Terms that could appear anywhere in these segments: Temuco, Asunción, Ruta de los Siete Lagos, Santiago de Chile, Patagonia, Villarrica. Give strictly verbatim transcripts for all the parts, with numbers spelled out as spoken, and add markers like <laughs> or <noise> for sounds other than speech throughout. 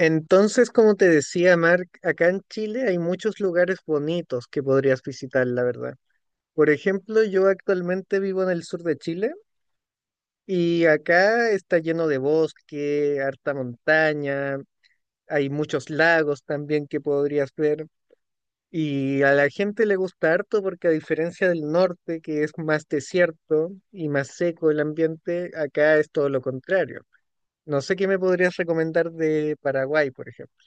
Entonces, como te decía, Mark, acá en Chile hay muchos lugares bonitos que podrías visitar, la verdad. Por ejemplo, yo actualmente vivo en el sur de Chile y acá está lleno de bosque, harta montaña, hay muchos lagos también que podrías ver. Y a la gente le gusta harto porque a diferencia del norte, que es más desierto y más seco el ambiente, acá es todo lo contrario. No sé qué me podrías recomendar de Paraguay, por ejemplo.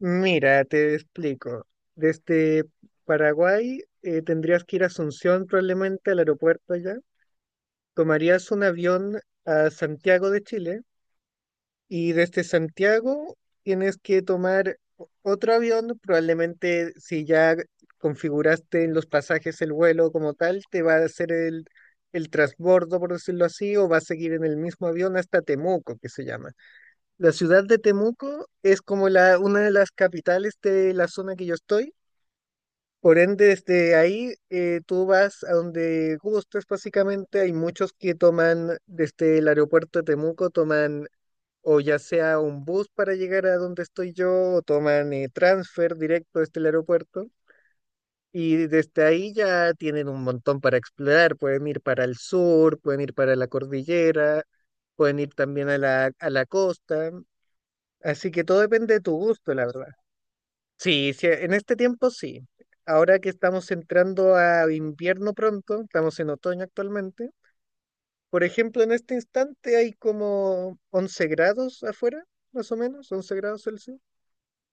Mira, te explico. Desde Paraguay eh, tendrías que ir a Asunción probablemente al aeropuerto allá. Tomarías un avión a Santiago de Chile y desde Santiago tienes que tomar o- otro avión. Probablemente si ya configuraste en los pasajes el vuelo como tal, te va a hacer el, el transbordo, por decirlo así, o va a seguir en el mismo avión hasta Temuco, que se llama. La ciudad de Temuco es como la, una de las capitales de la zona que yo estoy. Por ende, desde ahí eh, tú vas a donde gustes, básicamente. Hay muchos que toman desde el aeropuerto de Temuco, toman o ya sea un bus para llegar a donde estoy yo, o toman eh, transfer directo desde el aeropuerto. Y desde ahí ya tienen un montón para explorar. Pueden ir para el sur, pueden ir para la cordillera, pueden ir también a la, a la costa. Así que todo depende de tu gusto, la verdad. Sí, sí, en este tiempo sí. Ahora que estamos entrando a invierno pronto, estamos en otoño actualmente. Por ejemplo, en este instante hay como once grados afuera, más o menos, once grados Celsius.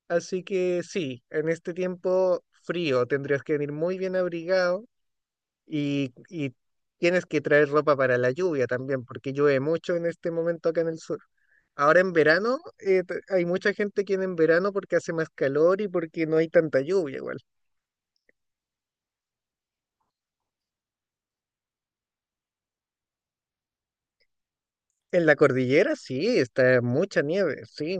Así que sí, en este tiempo frío tendrías que venir muy bien abrigado y, y tienes que traer ropa para la lluvia también, porque llueve mucho en este momento acá en el sur. Ahora en verano, eh, t- hay mucha gente que viene en verano porque hace más calor y porque no hay tanta lluvia igual. En la cordillera sí, está mucha nieve, sí.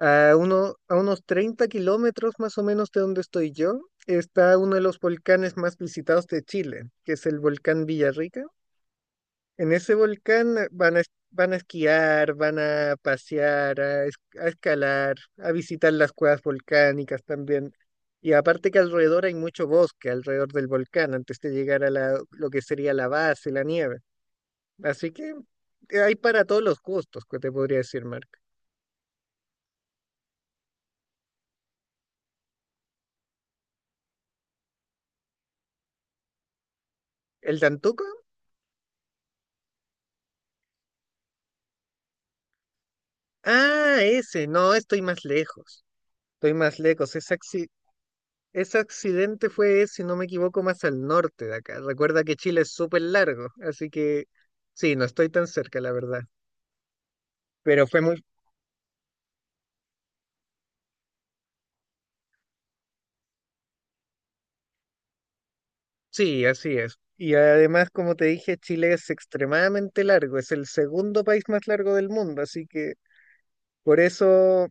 A, uno, a unos treinta kilómetros más o menos de donde estoy yo, está uno de los volcanes más visitados de Chile, que es el volcán Villarrica. En ese volcán eh, van a, es- van a esquiar, van a pasear, a, es- a escalar, a visitar las cuevas volcánicas también. Y aparte que alrededor hay mucho bosque, alrededor del volcán, antes de llegar a la, lo que sería la base, la nieve. Así que eh, hay para todos los gustos, que te podría decir, Marc. ¿El Tantuco? Ah, ese, no, estoy más lejos. Estoy más lejos. Esa, Ese accidente fue, si no me equivoco, más al norte de acá. Recuerda que Chile es súper largo, así que sí, no estoy tan cerca, la verdad. Pero fue muy... Sí, así es. Y además, como te dije, Chile es extremadamente largo, es el segundo país más largo del mundo, así que por eso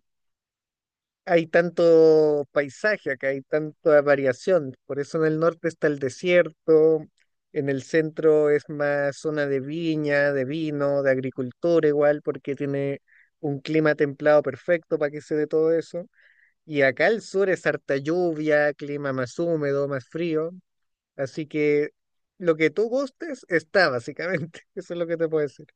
hay tanto paisaje acá, hay tanta variación. Por eso en el norte está el desierto, en el centro es más zona de viña, de vino, de agricultura igual, porque tiene un clima templado perfecto para que se dé todo eso. Y acá al sur es harta lluvia, clima más húmedo, más frío. Así que lo que tú gustes está básicamente. <laughs> Eso es lo que te puedo decir.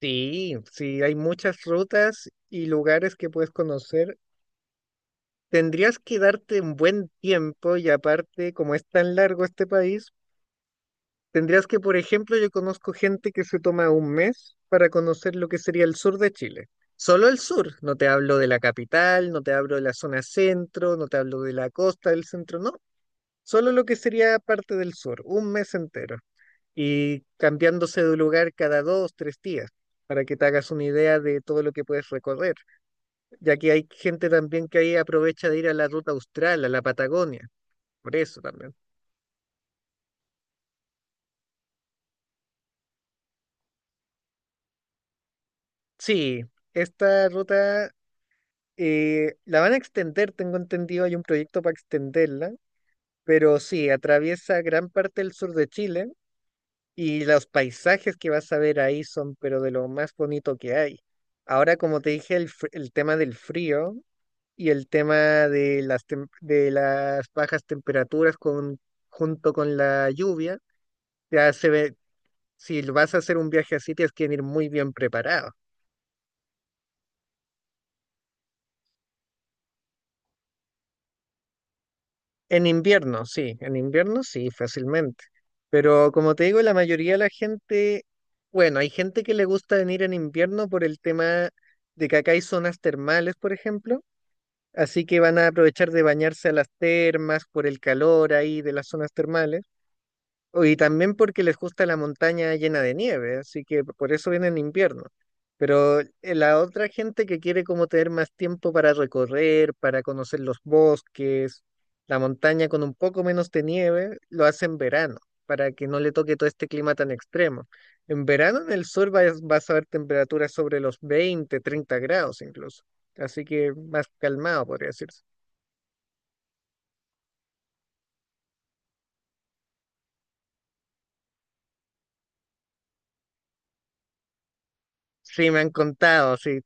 Sí, sí, hay muchas rutas y lugares que puedes conocer. Tendrías que darte un buen tiempo y aparte, como es tan largo este país, tendrías que, por ejemplo, yo conozco gente que se toma un mes para conocer lo que sería el sur de Chile. Solo el sur, no te hablo de la capital, no te hablo de la zona centro, no te hablo de la costa del centro, no. Solo lo que sería parte del sur, un mes entero. Y cambiándose de lugar cada dos, tres días, para que te hagas una idea de todo lo que puedes recorrer. Ya que hay gente también que ahí aprovecha de ir a la ruta austral, a la Patagonia por eso también. Sí, esta ruta eh, la van a extender, tengo entendido, hay un proyecto para extenderla, pero sí, atraviesa gran parte del sur de Chile y los paisajes que vas a ver ahí son, pero de lo más bonito que hay. Ahora, como te dije, el, fr- el tema del frío y el tema de las, tem- de las bajas temperaturas, con, junto con la lluvia, ya se ve, si vas a hacer un viaje así, tienes que venir muy bien preparado. En invierno, sí, en invierno sí, fácilmente. Pero como te digo, la mayoría de la gente, bueno, hay gente que le gusta venir en invierno por el tema de que acá hay zonas termales, por ejemplo, así que van a aprovechar de bañarse a las termas por el calor ahí de las zonas termales. Oh, y también porque les gusta la montaña llena de nieve, así que por eso viene en invierno. Pero eh, la otra gente que quiere como tener más tiempo para recorrer, para conocer los bosques, la montaña con un poco menos de nieve, lo hace en verano, para que no le toque todo este clima tan extremo. En verano en el sur vas, vas a ver temperaturas sobre los veinte treinta grados incluso. Así que más calmado, podría decirse. Sí, me han contado, sí,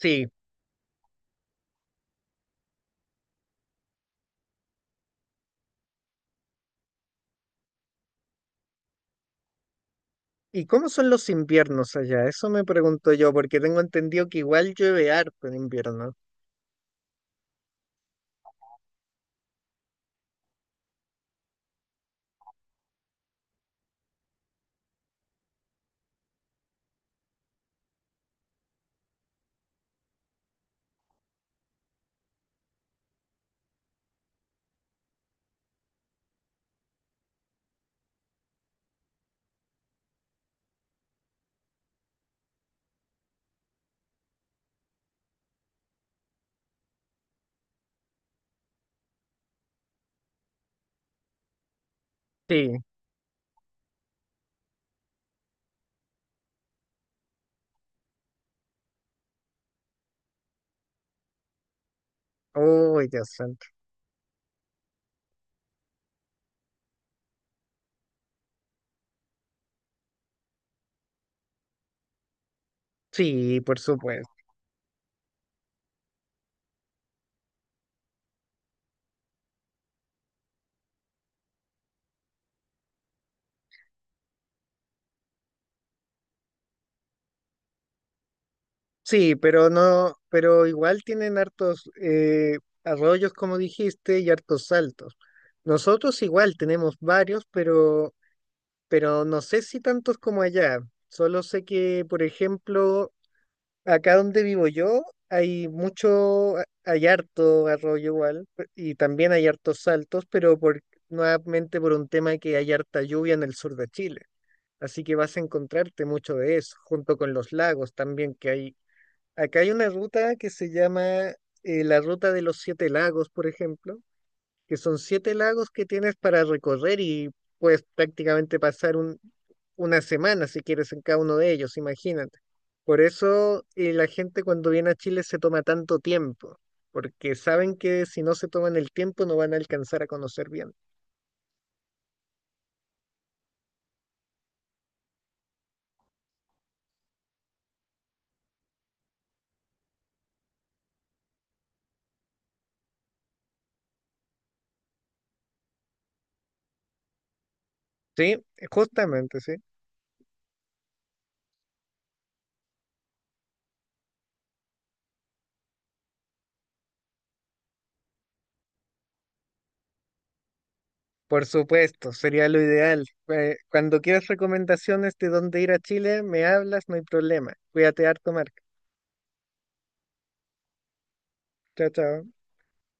sí. ¿Y cómo son los inviernos allá? Eso me pregunto yo, porque tengo entendido que igual llueve harto en invierno. Sí. Oh, ya santo. Sí, por supuesto. Sí, pero no, pero igual tienen hartos eh, arroyos, como dijiste, y hartos saltos. Nosotros igual tenemos varios, pero, pero no sé si tantos como allá. Solo sé que, por ejemplo, acá donde vivo yo hay mucho, hay harto arroyo igual, pe- y también hay hartos saltos, pero por, nuevamente por un tema que hay harta lluvia en el sur de Chile. Así que vas a encontrarte mucho de eso, junto con los lagos también que hay. Acá hay una ruta que se llama eh, la Ruta de los Siete Lagos, por ejemplo, que son siete lagos que tienes para recorrer y puedes prácticamente pasar un, una semana si quieres en cada uno de ellos, imagínate. Por eso eh, la gente cuando viene a Chile se toma tanto tiempo, porque saben que si no se toman el tiempo no van a alcanzar a conocer bien. Sí, justamente, sí. Por supuesto, sería lo ideal. Eh, cuando quieras recomendaciones de dónde ir a Chile, me hablas, no hay problema. Cuídate harto, Marco. Chao, chao.